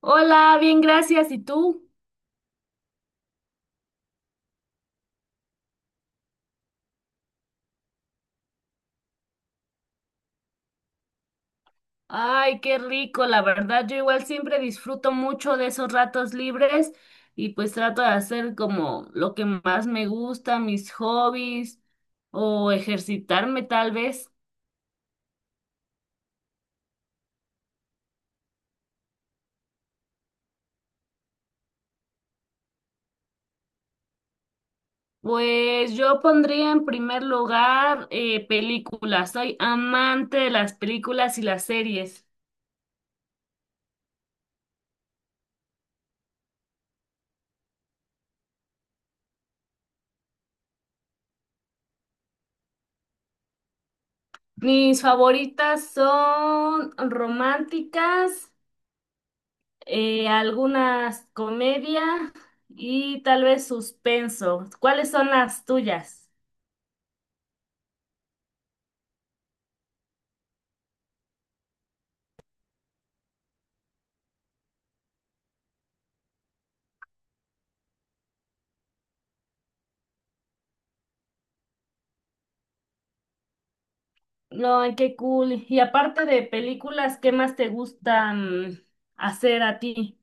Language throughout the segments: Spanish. Hola, bien, gracias. ¿Y tú? Ay, qué rico, la verdad. Yo igual siempre disfruto mucho de esos ratos libres y pues trato de hacer como lo que más me gusta, mis hobbies o ejercitarme tal vez. Pues yo pondría en primer lugar películas. Soy amante de las películas y las series. Mis favoritas son románticas. Algunas comedia y tal vez suspenso. ¿Cuáles son las tuyas? No, ay, qué cool. Y aparte de películas, ¿qué más te gustan hacer a ti?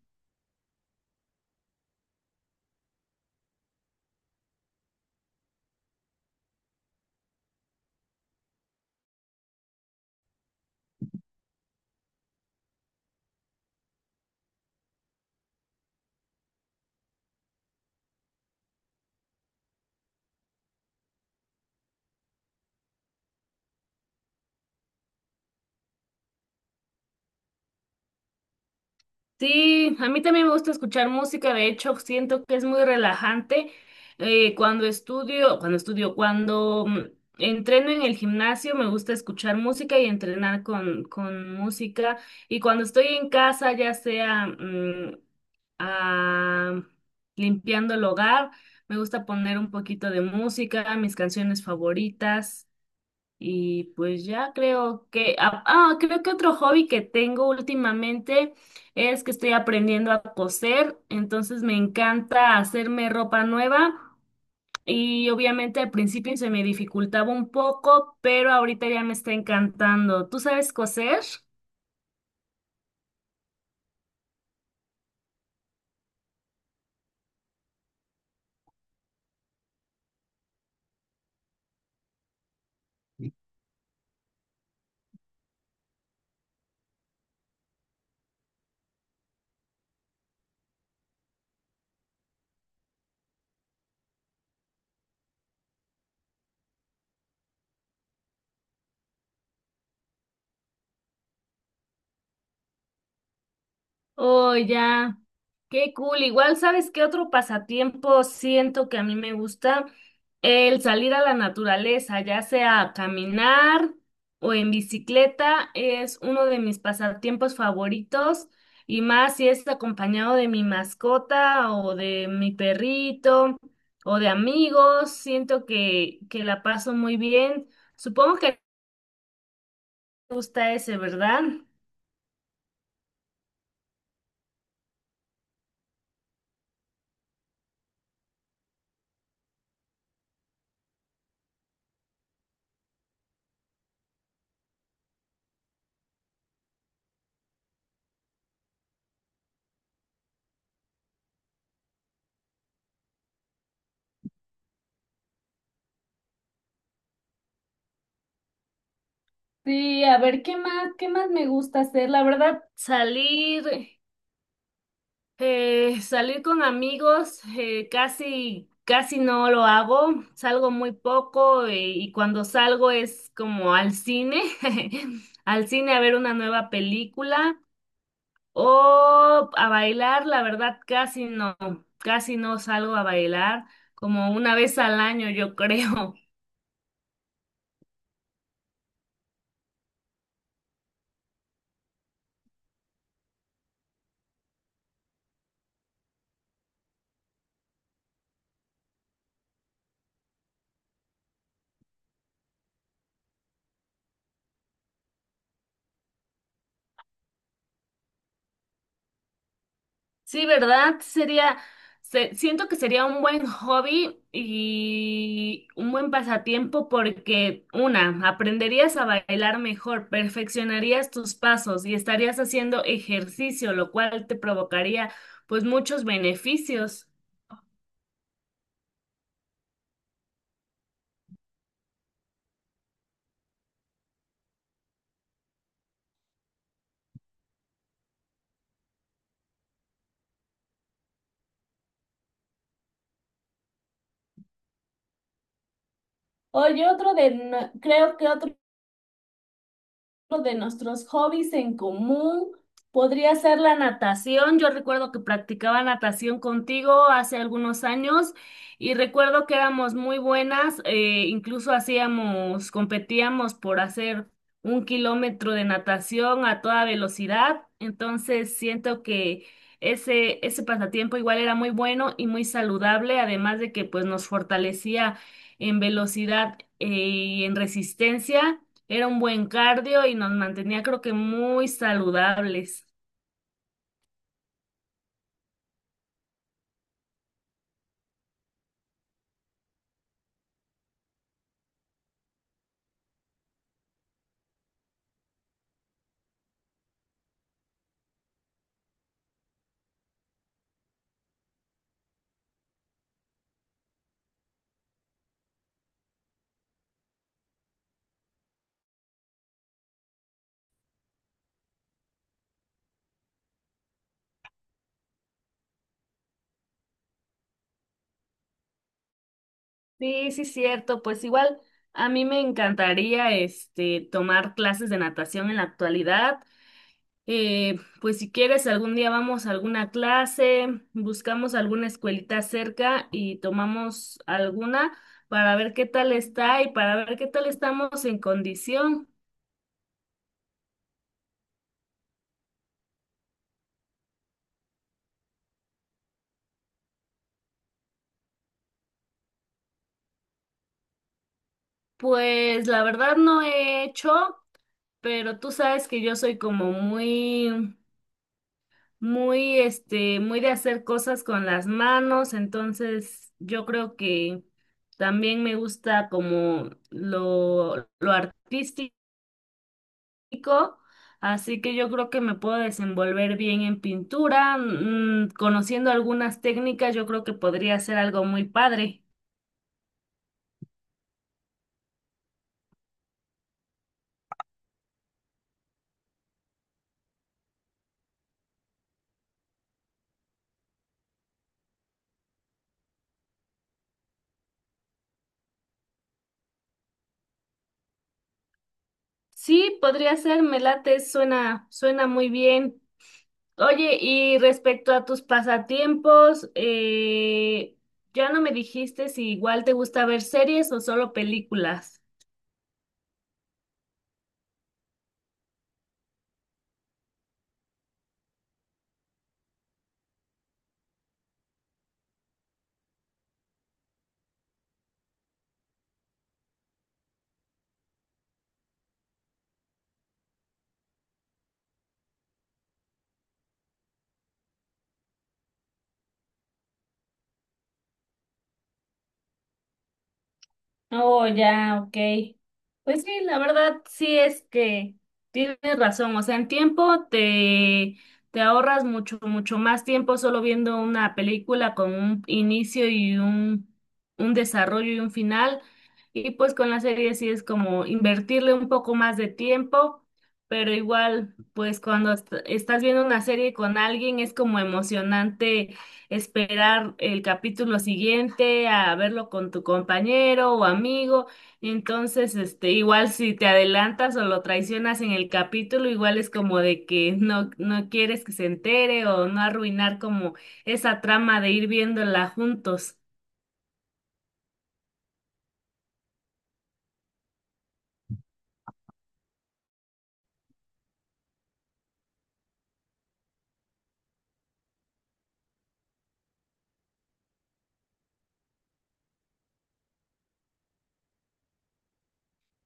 Sí, a mí también me gusta escuchar música, de hecho siento que es muy relajante. Cuando estudio, cuando entreno en el gimnasio me gusta escuchar música y entrenar con música. Y cuando estoy en casa, ya sea ah, limpiando el hogar, me gusta poner un poquito de música, mis canciones favoritas. Y pues ya creo que, creo que otro hobby que tengo últimamente es que estoy aprendiendo a coser, entonces me encanta hacerme ropa nueva y obviamente al principio se me dificultaba un poco, pero ahorita ya me está encantando. ¿Tú sabes coser? Oh, ya. Qué cool. Igual, ¿sabes qué otro pasatiempo siento que a mí me gusta? El salir a la naturaleza, ya sea a caminar o en bicicleta, es uno de mis pasatiempos favoritos y más si es acompañado de mi mascota o de mi perrito o de amigos, siento que la paso muy bien. Supongo que te gusta ese, ¿verdad? Sí, a ver, ¿qué más, me gusta hacer? La verdad, salir con amigos, casi no lo hago, salgo muy poco y cuando salgo es como al cine, al cine a ver una nueva película o a bailar, la verdad, casi no salgo a bailar, como una vez al año, yo creo. Sí, ¿verdad? Siento que sería un buen hobby y un buen pasatiempo porque, una, aprenderías a bailar mejor, perfeccionarías tus pasos y estarías haciendo ejercicio, lo cual te provocaría pues muchos beneficios. Oye, otro de, no- creo que otro de nuestros hobbies en común podría ser la natación. Yo recuerdo que practicaba natación contigo hace algunos años y recuerdo que éramos muy buenas, incluso hacíamos, competíamos por hacer 1 kilómetro de natación a toda velocidad. Entonces siento que ese pasatiempo igual era muy bueno y muy saludable, además de que pues nos fortalecía en velocidad, y en resistencia. Era un buen cardio y nos mantenía, creo que muy saludables. Sí, sí, cierto. Pues igual a mí me encantaría este tomar clases de natación en la actualidad. Pues si quieres, algún día vamos a alguna clase, buscamos alguna escuelita cerca y tomamos alguna para ver qué tal está y para ver qué tal estamos en condición. Pues la verdad no he hecho, pero tú sabes que yo soy como muy, este, muy de hacer cosas con las manos, entonces yo creo que también me gusta como lo artístico, así que yo creo que me puedo desenvolver bien en pintura, mm, conociendo algunas técnicas, yo creo que podría ser algo muy padre. Sí, podría ser, me late, suena muy bien. Oye, y respecto a tus pasatiempos, ya no me dijiste si igual te gusta ver series o solo películas. Oh, ya, ok. Pues sí, la verdad sí es que tienes razón. O sea, en te ahorras mucho, mucho más tiempo solo viendo una película con un inicio y un desarrollo y un final. Y pues con la serie sí es como invertirle un poco más de tiempo, pero igual, pues cuando estás viendo una serie con alguien es como emocionante esperar el capítulo siguiente a verlo con tu compañero o amigo. Entonces, este, igual si te adelantas o lo traicionas en el capítulo, igual es como de que no quieres que se entere o no arruinar como esa trama de ir viéndola juntos.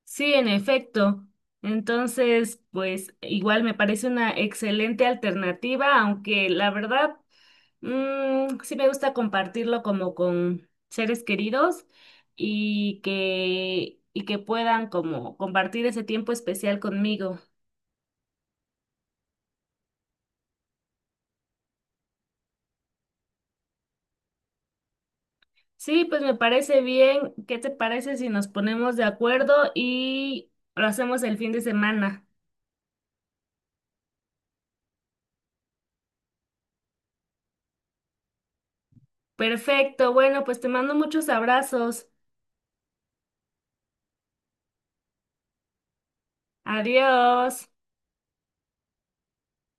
Sí, en efecto. Entonces, pues igual me parece una excelente alternativa, aunque la verdad Mm, sí me gusta compartirlo como con seres queridos y que puedan como compartir ese tiempo especial conmigo. Sí, pues me parece bien. ¿Qué te parece si nos ponemos de acuerdo y lo hacemos el fin de semana? Perfecto. Bueno, pues te mando muchos abrazos. Adiós.